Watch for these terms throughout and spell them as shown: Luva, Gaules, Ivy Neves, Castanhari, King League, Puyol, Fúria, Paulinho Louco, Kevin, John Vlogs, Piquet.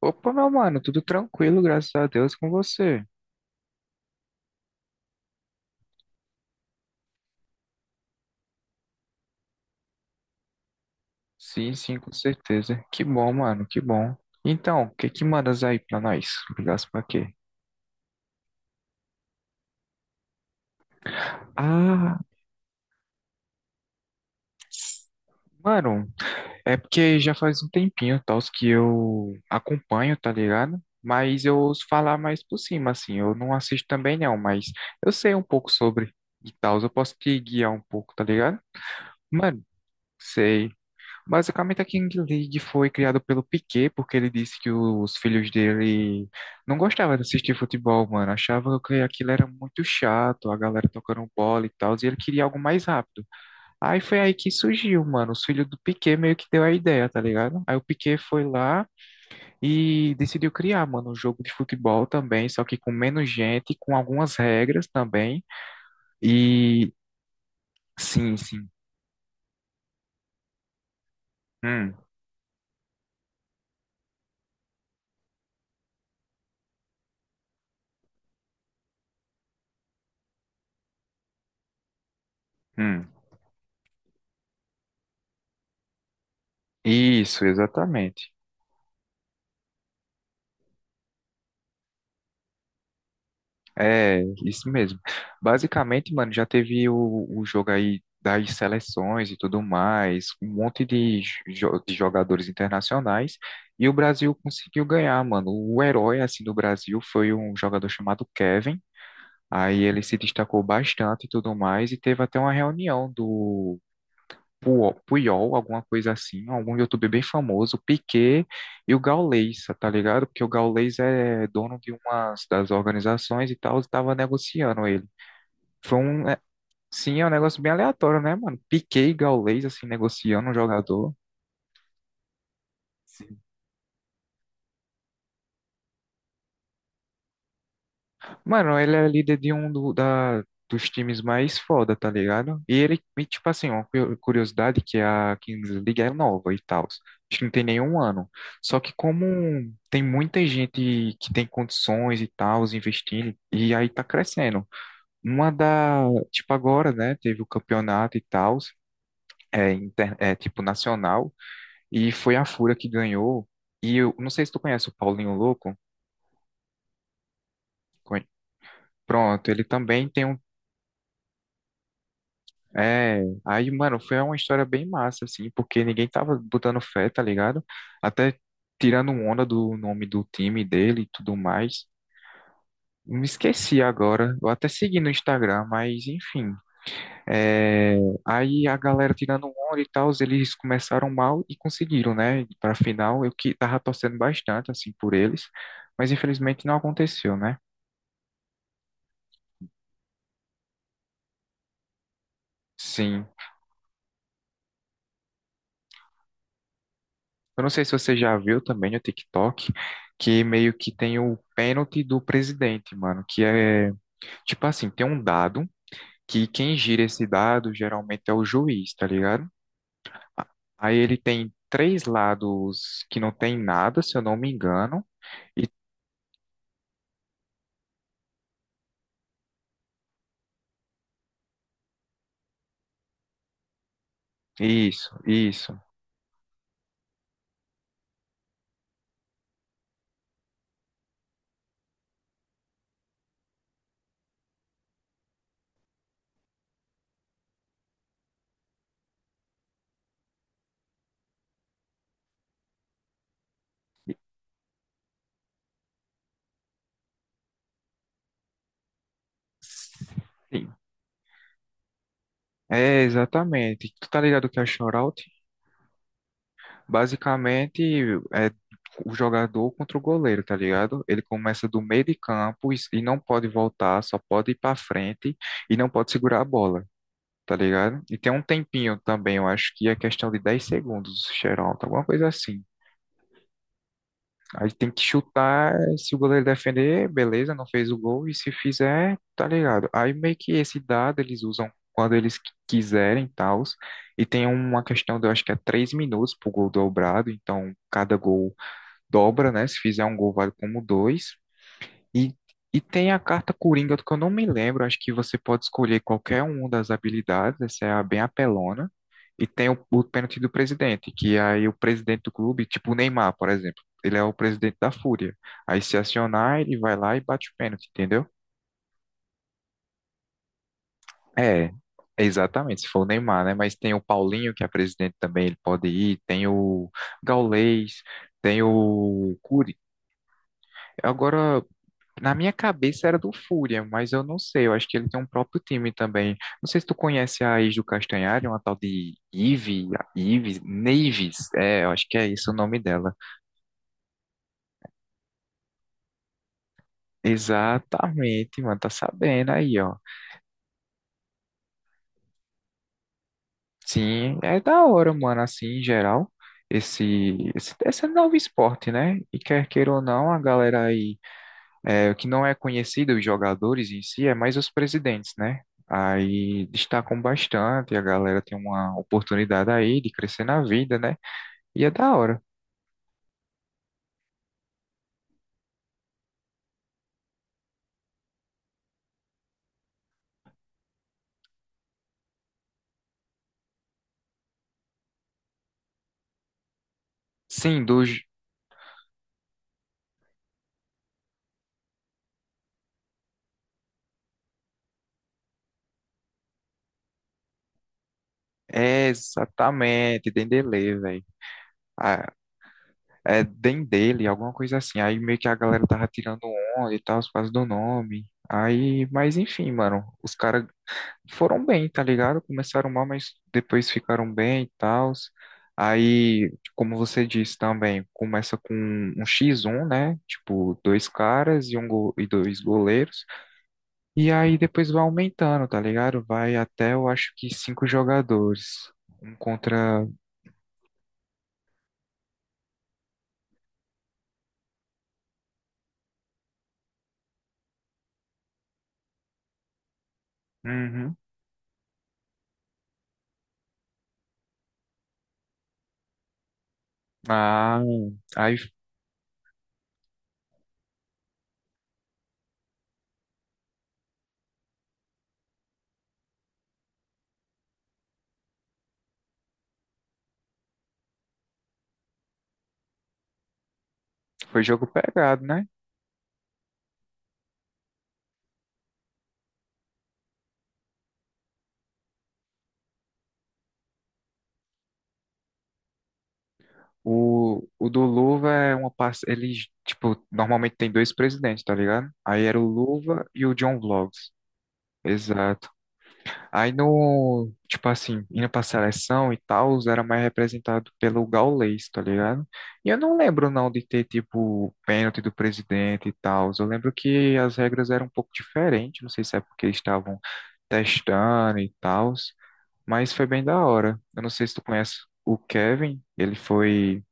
Opa, meu mano, tudo tranquilo, graças a Deus com você. Sim, sim, com certeza. Que bom, mano, que bom. Então, o que que mandas aí pra nós? Ligasse pra quê? Ah, mano, é porque já faz um tempinho, tal, que eu acompanho, tá ligado? Mas eu ouço falar mais por cima, assim. Eu não assisto também não, mas eu sei um pouco sobre e tal. Eu posso te guiar um pouco, tá ligado? Mano, sei. Basicamente, a King League foi criada pelo Piquet, porque ele disse que os filhos dele não gostavam de assistir futebol, mano. Achava que aquilo era muito chato, a galera tocando bola e tal, e ele queria algo mais rápido. Aí foi aí que surgiu, mano. Os filhos do Piquet meio que deu a ideia, tá ligado? Aí o Piquet foi lá e decidiu criar, mano, um jogo de futebol também, só que com menos gente, com algumas regras também. E sim, sim. Hum, hum. Isso, exatamente. É, isso mesmo. Basicamente, mano, já teve o jogo aí das seleções e tudo mais, um monte de, de jogadores internacionais, e o Brasil conseguiu ganhar, mano. O herói, assim, do Brasil foi um jogador chamado Kevin, aí ele se destacou bastante e tudo mais, e teve até uma reunião do, Puyol, alguma coisa assim, algum youtuber bem famoso, Piquet e o Gaules, tá ligado? Porque o Gaules é dono de umas das organizações e tal, estava negociando ele. Foi um, é, sim, é um negócio bem aleatório, né, mano? Piquet e Gaules, assim, negociando um jogador. Mano, ele é líder de um dos times mais foda, tá ligado? E ele, e, tipo assim, uma curiosidade, que é a Kings League é nova e tal. Acho que não tem nenhum ano. Só que como tem muita gente que tem condições e tal, investindo, e aí tá crescendo. Uma da, tipo agora, né, teve o campeonato e tal, é, é tipo nacional, e foi a Fúria que ganhou. E eu não sei se tu conhece o Paulinho Louco. Conhe- Pronto, ele também tem um. É, aí, mano, foi uma história bem massa, assim, porque ninguém tava botando fé, tá ligado? Até tirando onda do nome do time dele e tudo mais. Me esqueci agora, eu até segui no Instagram, mas enfim. É, aí a galera tirando onda e tal, eles começaram mal e conseguiram, né? Pra final, eu que tava torcendo bastante, assim, por eles, mas infelizmente não aconteceu, né? Sim. Eu não sei se você já viu também no TikTok que meio que tem o pênalti do presidente, mano, que é tipo assim, tem um dado que quem gira esse dado geralmente é o juiz, tá ligado? Aí ele tem três lados que não tem nada, se eu não me engano. E isso, isso. Sim, é exatamente. Tu tá ligado o que é shootout? Basicamente, é o jogador contra o goleiro, tá ligado? Ele começa do meio de campo e não pode voltar, só pode ir para frente e não pode segurar a bola, tá ligado? E tem um tempinho também, eu acho que é questão de 10 segundos, xeralta, alguma coisa assim. Aí tem que chutar, se o goleiro defender, beleza, não fez o gol, e se fizer, tá ligado? Aí meio que esse dado eles usam quando eles quiserem, tals. E tem uma questão de, eu acho que é 3 minutos pro gol dobrado, então cada gol dobra, né? Se fizer um gol, vale como dois. E, e tem a carta Coringa, que eu não me lembro. Acho que você pode escolher qualquer uma das habilidades. Essa é a bem apelona. E tem o pênalti do presidente, que é aí o presidente do clube, tipo o Neymar, por exemplo, ele é o presidente da Fúria. Aí se acionar, ele vai lá e bate o pênalti, entendeu? É, exatamente, se for o Neymar, né? Mas tem o Paulinho, que é presidente também, ele pode ir. Tem o Gaulês, tem o Curi. Agora, na minha cabeça era do Fúria, mas eu não sei. Eu acho que ele tem um próprio time também. Não sei se tu conhece a ex do Castanhari, uma tal de Ivy, Neves. É, eu acho que é isso o nome dela. Exatamente, mano. Tá sabendo aí, ó. Sim, é da hora, mano, assim, em geral, esse novo esporte, né? E quer queira ou não, a galera aí. É, o que não é conhecido, os jogadores em si, é mais os presidentes, né? Aí destacam bastante, a galera tem uma oportunidade aí de crescer na vida, né? E é da hora. Sim, dos... É exatamente, Dendele, velho. Ah, é Dendele, alguma coisa assim. Aí meio que a galera tava tirando onda e tal, os pais do nome. Aí, mas enfim, mano, os caras foram bem, tá ligado? Começaram mal, mas depois ficaram bem e tal. Aí, como você disse também, começa com um X1, né? Tipo, dois caras e, e dois goleiros. E aí depois vai aumentando, tá ligado? Vai até, eu acho que cinco jogadores. Um contra. Uhum. Ah, aí foi jogo pegado, né? O do Luva é uma parte. Ele, tipo, normalmente tem dois presidentes, tá ligado? Aí era o Luva e o John Vlogs. Exato. Aí no, tipo assim, indo pra seleção e tal, era mais representado pelo Gaules, tá ligado? E eu não lembro não de ter, tipo, pênalti do presidente e tal. Eu lembro que as regras eram um pouco diferentes, não sei se é porque eles estavam testando e tal, mas foi bem da hora. Eu não sei se tu conhece o Kevin, ele foi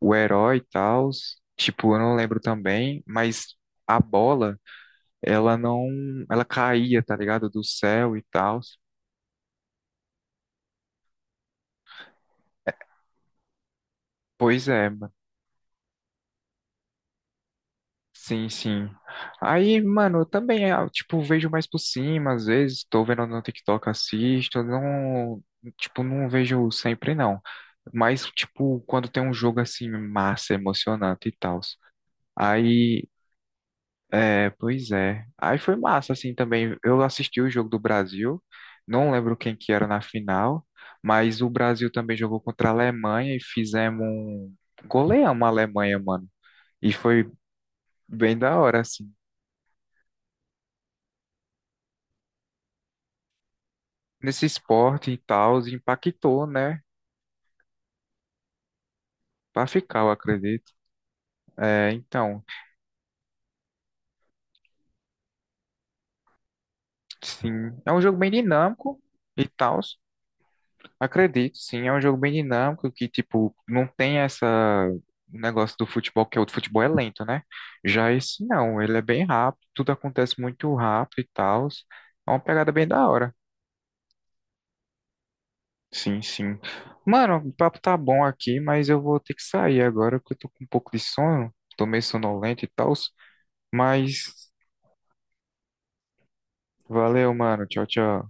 o herói e tal. Tipo, eu não lembro também, mas a bola, ela não, ela caía, tá ligado? Do céu e tal. Pois é, mano. Sim, sim. Aí, mano, eu também, ah, tipo, vejo mais por cima, às vezes, tô vendo no TikTok, assisto, não, tipo, não vejo sempre, não. Mas, tipo, quando tem um jogo, assim, massa, emocionante e tal. Aí, é, pois é. Aí foi massa, assim, também. Eu assisti o jogo do Brasil, não lembro quem que era na final, mas o Brasil também jogou contra a Alemanha e fizemos um... Goleamos a Alemanha, mano. E foi bem da hora, assim. Nesse esporte e tal, impactou, né? Pra ficar, eu acredito. É, então, sim, é um jogo bem dinâmico e tal. Acredito, sim, é um jogo bem dinâmico que, tipo, não tem essa o negócio do futebol, que é o futebol é lento, né? Já esse não, ele é bem rápido, tudo acontece muito rápido e tal. É uma pegada bem da hora. Sim, sim. Mano, o papo tá bom aqui, mas eu vou ter que sair agora, porque eu tô com um pouco de sono, tô meio sonolento e tal. Mas Valeu, mano. Tchau, tchau.